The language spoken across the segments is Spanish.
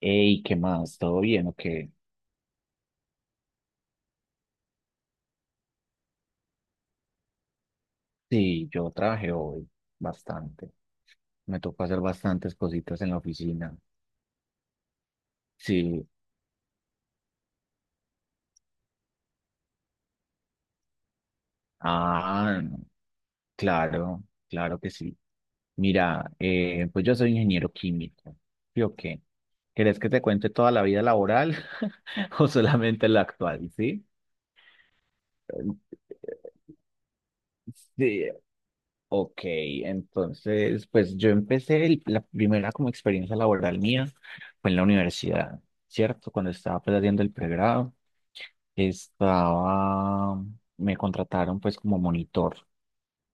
Ey, ¿qué más? ¿Todo bien o qué? Sí, yo trabajé hoy bastante. Me tocó hacer bastantes cositas en la oficina. Sí. Ah, no. Claro, claro que sí. Mira, pues yo soy ingeniero químico. ¿Sí o qué? ¿Querés que te cuente toda la vida laboral o solamente la actual? Sí. Sí, ok, entonces, pues yo empecé, la primera como experiencia laboral mía fue en la universidad, ¿cierto? Cuando estaba pues haciendo el pregrado, estaba, me contrataron pues como monitor.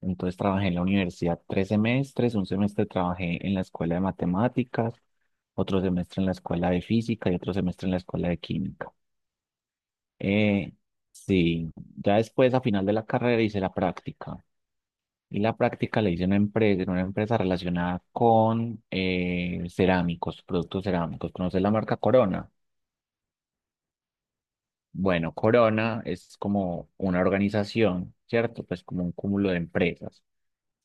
Entonces trabajé en la universidad 3 semestres, un semestre trabajé en la escuela de matemáticas, otro semestre en la escuela de física y otro semestre en la escuela de química. Eh, sí, ya después a final de la carrera hice la práctica. Y la práctica la hice en una empresa relacionada con cerámicos, productos cerámicos. ¿Conoces la marca Corona? Bueno, Corona es como una organización, ¿cierto? Pues como un cúmulo de empresas,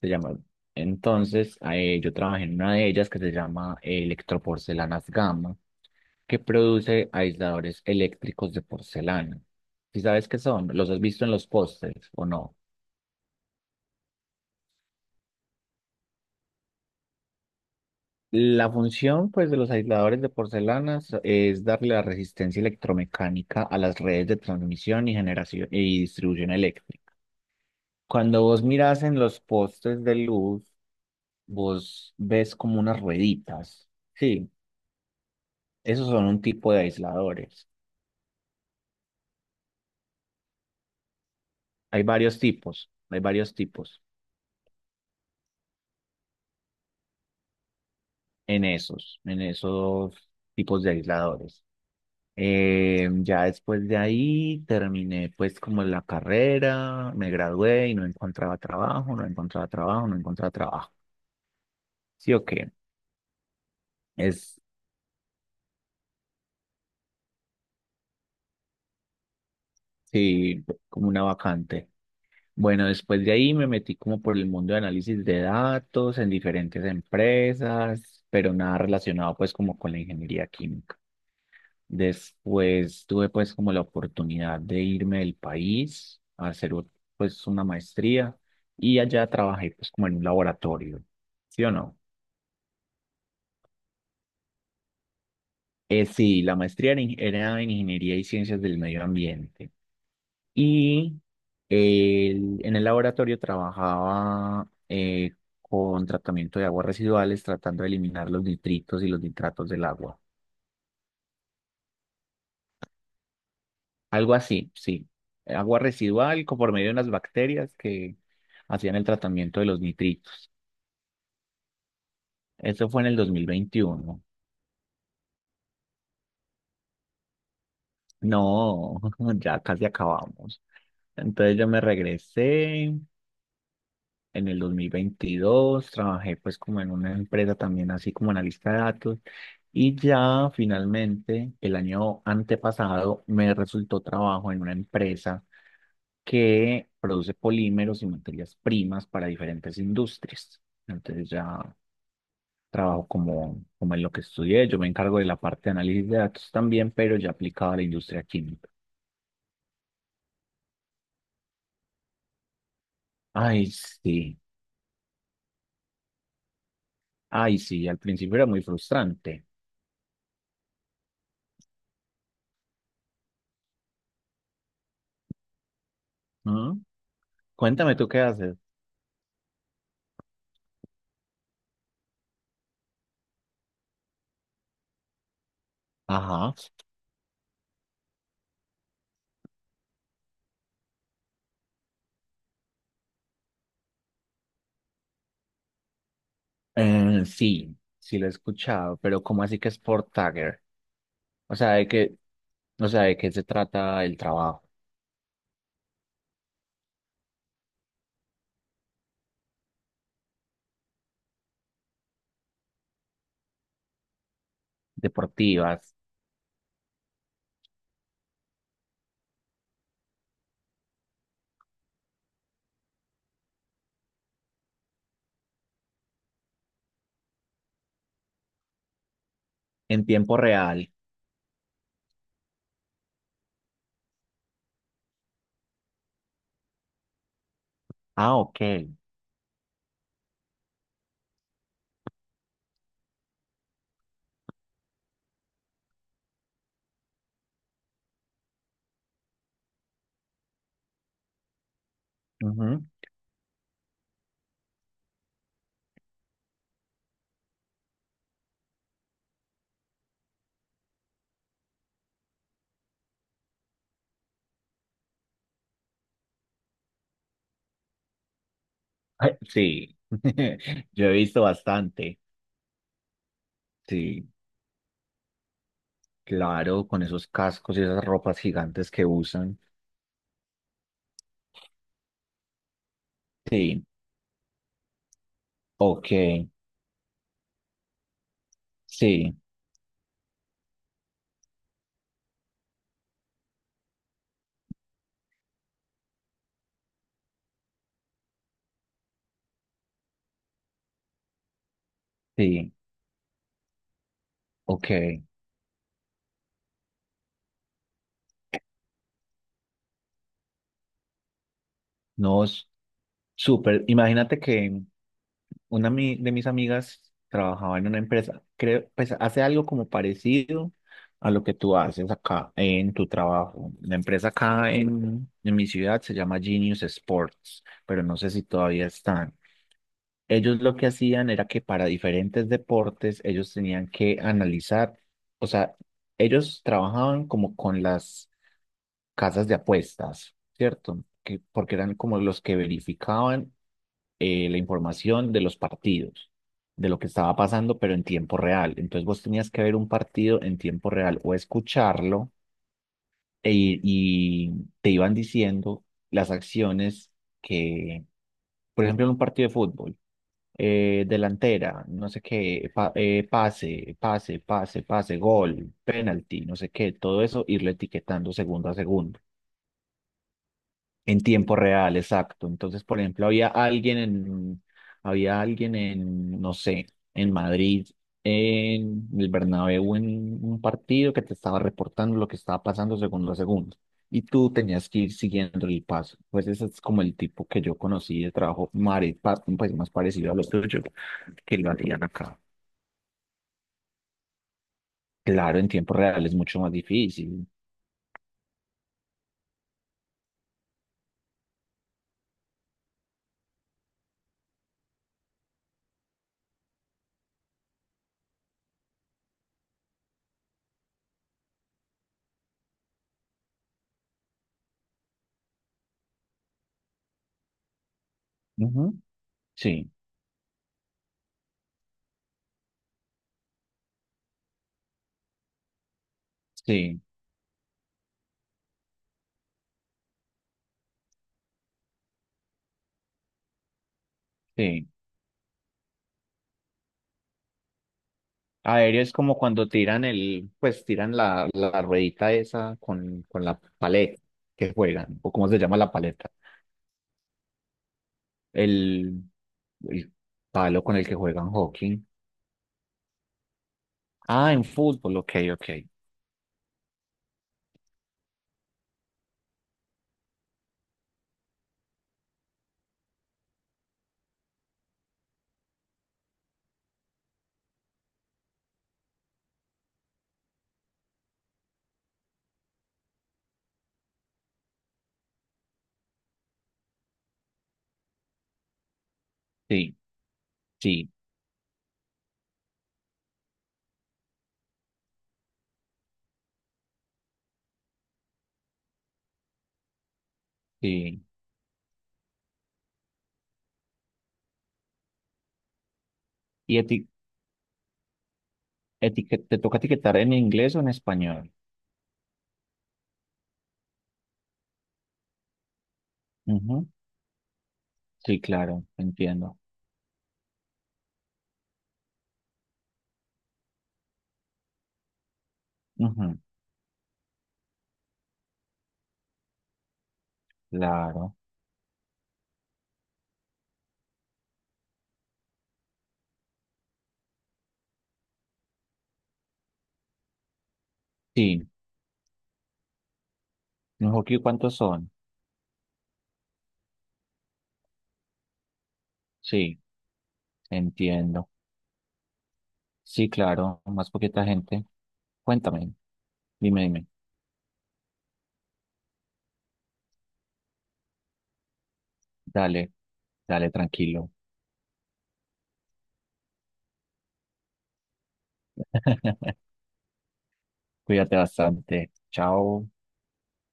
se llama. Entonces, yo trabajé en una de ellas que se llama Electroporcelanas Gama, que produce aisladores eléctricos de porcelana. ¿Sí sabes qué son? ¿Los has visto en los pósters o no? La función, pues, de los aisladores de porcelanas es darle la resistencia electromecánica a las redes de transmisión y generación y distribución eléctrica. Cuando vos mirás en los postes de luz, vos ves como unas rueditas. Sí, esos son un tipo de aisladores. Hay varios tipos en esos tipos de aisladores. Ya después de ahí terminé pues como la carrera, me gradué y no encontraba trabajo, no encontraba trabajo, no encontraba trabajo. Sí o qué, es sí, como una vacante. Bueno, después de ahí me metí como por el mundo de análisis de datos en diferentes empresas, pero nada relacionado pues como con la ingeniería química. Después tuve pues como la oportunidad de irme del país a hacer pues una maestría y allá trabajé pues como en un laboratorio, ¿sí o no? Sí, la maestría era, en era en Ingeniería y Ciencias del Medio Ambiente y en el laboratorio trabajaba con tratamiento de aguas residuales tratando de eliminar los nitritos y los nitratos del agua. Algo así, sí. Agua residual por medio de unas bacterias que hacían el tratamiento de los nitritos. Eso fue en el 2021. No, ya casi acabamos. Entonces yo me regresé en el 2022. Trabajé pues como en una empresa también así como analista de datos y ya finalmente el año antepasado me resultó trabajo en una empresa que produce polímeros y materias primas para diferentes industrias. Entonces ya trabajo como en lo que estudié, yo me encargo de la parte de análisis de datos también, pero ya aplicado a la industria química. Ay, sí, ay, sí, al principio era muy frustrante. ¿No? Cuéntame tú qué haces. Ajá. Sí, sí lo he escuchado, pero ¿cómo así que es Sport Tagger? O sea, de qué, o sea, ¿de qué se trata el trabajo? Deportivas, en tiempo real. Ah, ok. Ujú. Sí, yo he visto bastante. Sí, claro, con esos cascos y esas ropas gigantes que usan. Sí, ok, sí, sí, ok. No, es súper. Imagínate que una de mis amigas trabajaba en una empresa, creo, pues hace algo como parecido a lo que tú haces acá en tu trabajo. La empresa acá en mi ciudad se llama Genius Sports, pero no sé si todavía están. Ellos lo que hacían era que para diferentes deportes ellos tenían que analizar, o sea, ellos trabajaban como con las casas de apuestas, ¿cierto? Que, porque eran como los que verificaban la información de los partidos, de lo que estaba pasando, pero en tiempo real. Entonces vos tenías que ver un partido en tiempo real o escucharlo y te iban diciendo las acciones que, por ejemplo, en un partido de fútbol delantera, no sé qué, pase, pase, pase, pase, gol, penalti, no sé qué, todo eso, irlo etiquetando segundo a segundo. En tiempo real, exacto. Entonces, por ejemplo, había alguien en, no sé, en Madrid, en el Bernabéu, en un partido que te estaba reportando lo que estaba pasando segundo a segundo. Y tú tenías que ir siguiendo el paso. Pues ese es como el tipo que yo conocí de trabajo pues más parecido a lo tuyo, que lo hacían acá. Claro, en tiempo real es mucho más difícil. Ujú. Sí, sí, sí. Aéreo es como cuando tiran el, pues tiran la, la, ruedita esa con la paleta que juegan, o cómo se llama la paleta, el, el palo con el que juegan hockey. Ah, en fútbol, ok, ok. Sí, sí, sí. ¿Y te toca etiquetar en inglés o en español? Ujú. Sí, claro, entiendo. Ujú. Claro. Sí. ¿En hockey cuántos son? Sí, entiendo. Sí, claro, más poquita gente. Cuéntame, dime, dime. Dale, dale, tranquilo. Cuídate bastante. Chao.